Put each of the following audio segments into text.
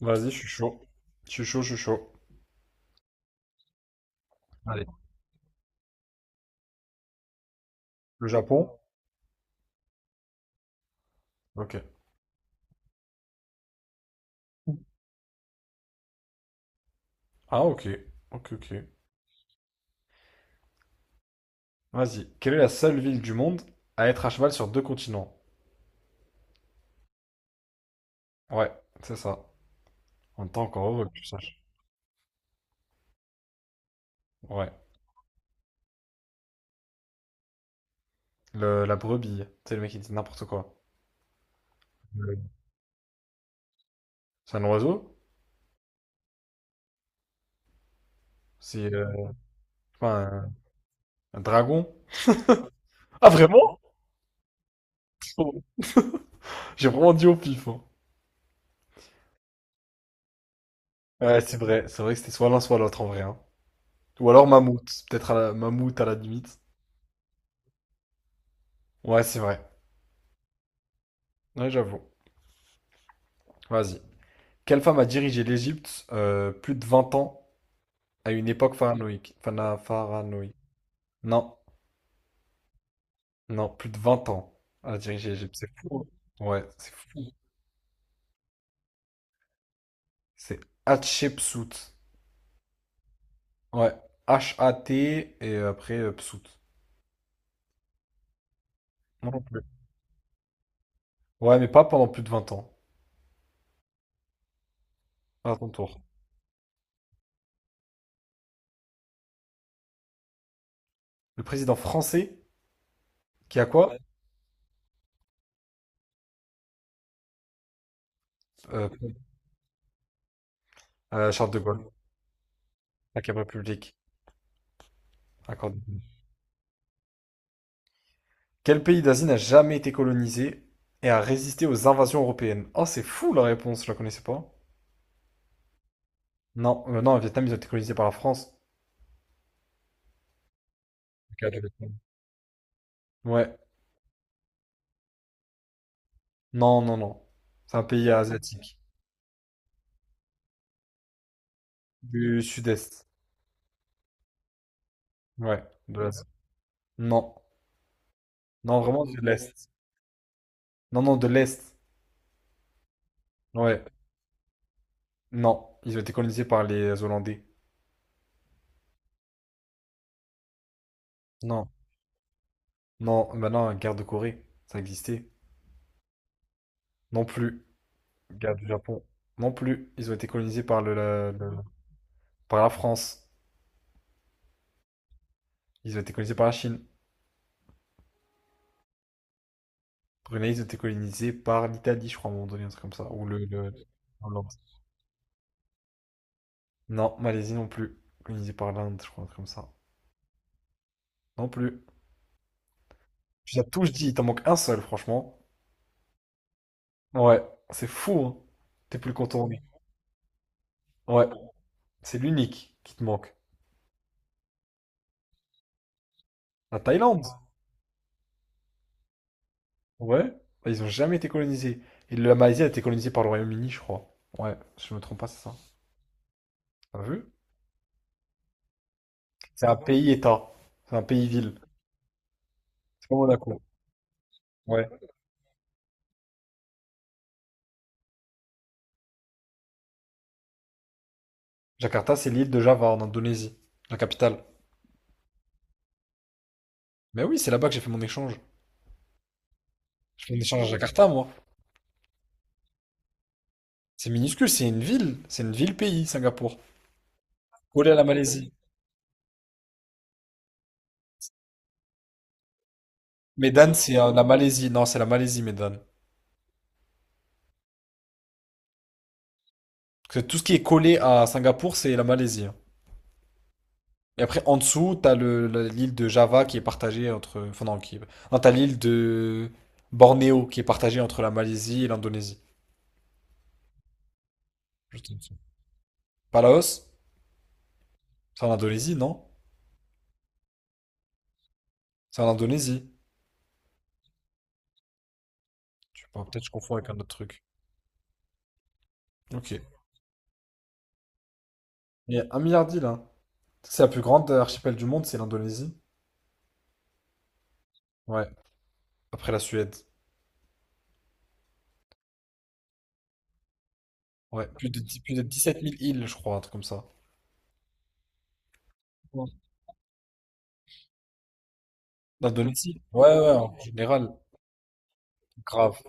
Vas-y, je suis chaud. Je suis chaud, je suis chaud. Allez. Le Japon? Ok. Ah, ok. Ok, ok. Vas-y. Quelle est la seule ville du monde à être à cheval sur deux continents? Ouais, c'est ça. On temps encore heureux que tu saches. Ouais. La brebis. C'est le mec qui dit n'importe quoi. Le- C'est un oiseau? C'est je sais pas, un dragon? Ah, vraiment? J'ai vraiment dit au pif, hein. Ouais, c'est vrai. C'est vrai que c'était soit l'un, soit l'autre en vrai, hein. Ou alors mammouth. Peut-être mammouth à la limite. Ouais, c'est vrai. Ouais, j'avoue. Vas-y. Quelle femme a dirigé l'Égypte plus de 20 ans à une époque pharaonique? Pharaonique. Non, non, plus de 20 ans à diriger l'Égypte. C'est fou, hein. Ouais, c'est fou. C'est Hatshepsut. Ouais, H-A-T et après Psut. Moi non plus. Ouais, mais pas pendant plus de 20 ans. À ton tour. Le président français qui a quoi? Euh, Charles de Gaulle. Cinquième République. Accordé. Quel pays d'Asie n'a jamais été colonisé et a résisté aux invasions européennes? Oh, c'est fou la réponse, je la connaissais pas. Non, non, le Vietnam, ils ont été colonisés par la France. Ok, le cas du Vietnam. Ouais. Non, non, non. C'est un pays asiatique. Du sud-est. Ouais, de l'Asie. Non. Non, vraiment de l'Est. Non, non, de l'Est. Ouais. Non. Ils ont été colonisés par les Hollandais. Non. Non, maintenant, guerre de Corée. Ça existait. Non plus. Guerre du Japon. Non plus. Ils ont été colonisés par la France. Ils ont été colonisés par la Chine. Brunei, ils ont été colonisés par l'Italie, je crois, à un moment donné, un truc comme ça. Hollande. Non, Malaisie non plus. Colonisée par l'Inde, je crois, un truc comme ça. Non plus. Tu as tout dit, il t'en manque un seul, franchement. Ouais, c'est fou, hein. T'es plus contourné. Ouais, c'est l'unique qui te manque. La Thaïlande? Ouais. Bah, ils ont jamais été colonisés. Et la Malaisie a été colonisée par le Royaume-Uni, je crois. Ouais, si je me trompe pas, c'est ça. T'as vu? C'est un pays-État. C'est un pays-ville. C'est pas Monaco. Ouais. Jakarta, c'est l'île de Java en Indonésie, la capitale. Mais oui, c'est là-bas que j'ai fait mon échange. Je fais mon échange à Jakarta, moi. C'est minuscule, c'est une ville. C'est une ville-pays, Singapour. Collé à la Malaisie. Medan, c'est la Malaisie. Non, c'est la Malaisie, Medan. Parce que tout ce qui est collé à Singapour, c'est la Malaisie, hein. Et après, en dessous, t'as l'île de Java qui est partagée entre. Enfin, non, qui. Non, t'as l'île de Bornéo qui est partagée entre la Malaisie et l'Indonésie. Palaos? C'est en Indonésie, non? C'est en Indonésie. Je sais pas, peut-être je confonds avec un autre truc. Ok. Il y a un milliard d'îles, hein. C'est la plus grande archipel du monde, c'est l'Indonésie. Ouais. Après la Suède. Ouais. Plus de 17 000 îles, je crois, un truc comme ça. L'Indonésie? Ouais, ouais, en général, grave.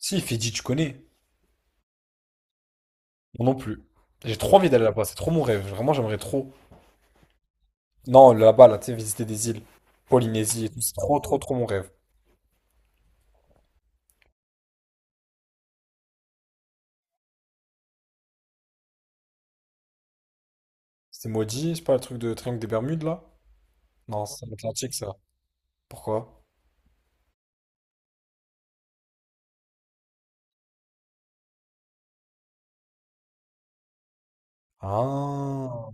Si, Fidji, tu connais? Moi non plus. J'ai trop envie d'aller là-bas, c'est trop mon rêve. Vraiment, j'aimerais trop. Non, là-bas, là, tu sais, visiter des îles. Polynésie et tout, c'est trop, trop, trop mon rêve. C'est maudit, c'est pas le truc de Triangle des Bermudes, là? Non, c'est l'Atlantique, ça. Pourquoi? Ah,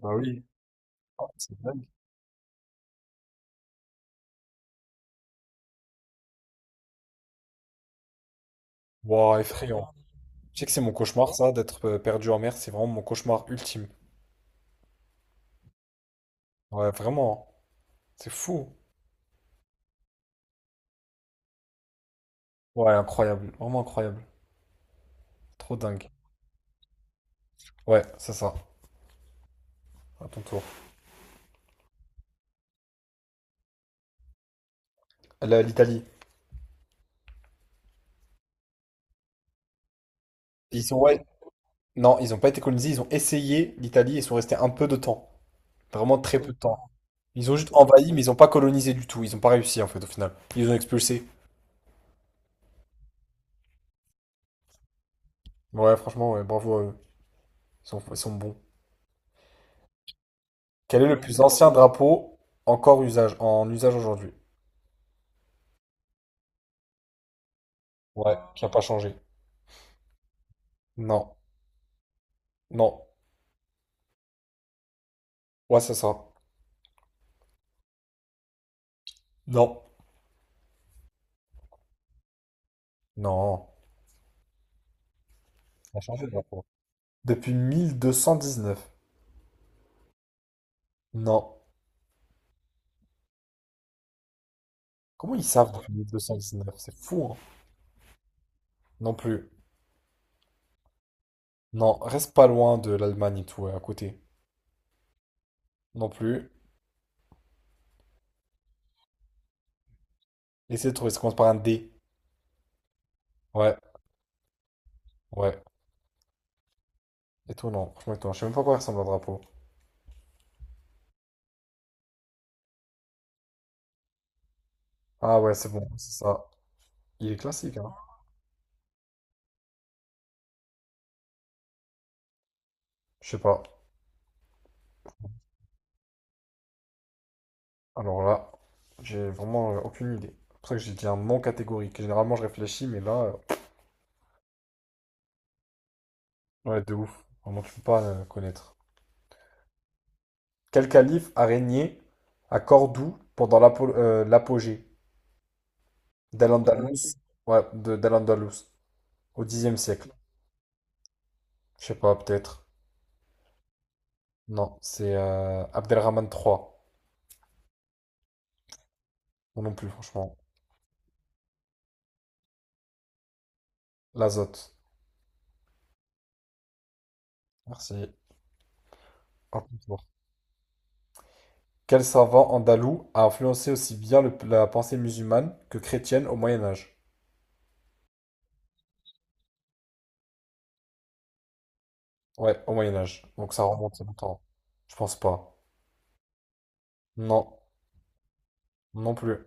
bah oui. Ah, c'est dingue. Wow, effrayant. Tu sais que c'est mon cauchemar, ça, d'être perdu en mer, c'est vraiment mon cauchemar ultime. Ouais, vraiment, hein. C'est fou. Ouais, incroyable. Vraiment incroyable. Trop dingue. Ouais, c'est ça. À ton tour. L'Italie. Ils ont, ouais, non, ils n'ont pas été colonisés, ils ont essayé l'Italie et sont restés un peu de temps. Vraiment très peu de temps. Ils ont juste envahi, mais ils n'ont pas colonisé du tout. Ils n'ont pas réussi, en fait, au final. Ils les ont expulsés. Ouais, franchement, ouais, bravo à eux. Ils sont bons. Quel est le plus ancien drapeau en usage aujourd'hui? Ouais, qui n'a pas changé. Non, non. Ouais, c'est ça. Non. Non. Ça a changé le drapeau. Depuis 1219. Non. Comment ils savent depuis 1219? C'est fou, hein. Non plus. Non, reste pas loin de l'Allemagne et tout, ouais, à côté. Non plus. Essaie de trouver, ça commence par un D. Ouais, ouais. Et toi, non, franchement, et toi, je sais même pas à quoi ressemble un drapeau. Ah ouais, c'est bon, c'est ça. Il est classique, hein. Je sais pas. Alors là, j'ai vraiment aucune idée. C'est pour ça que j'ai dit un non catégorique. Généralement, je réfléchis, mais là, ouais, de ouf. Vraiment, tu peux pas connaître. Quel calife a régné à Cordoue pendant l'apogée dal andalus. Ouais, de dal andalus au Xe siècle. Je sais pas, peut-être. Non, c'est Abdelrahman III. Non non plus, franchement. L'azote. Merci. À ton tour. Quel savant andalou a influencé aussi bien la pensée musulmane que chrétienne au Moyen Âge? Ouais, au Moyen Âge. Donc ça remonte longtemps. Je pense pas. Non, non plus.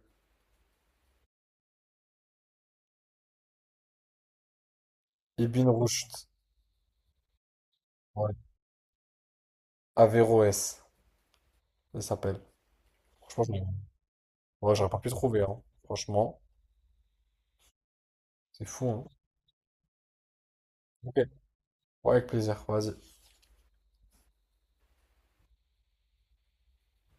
Ibn Rushd. Ouais. Averroès, il s'appelle. Franchement, je, ouais, j'aurais pas pu trouver, hein. Franchement, c'est fou, hein. Ok. Ouais, avec plaisir. Vas-y.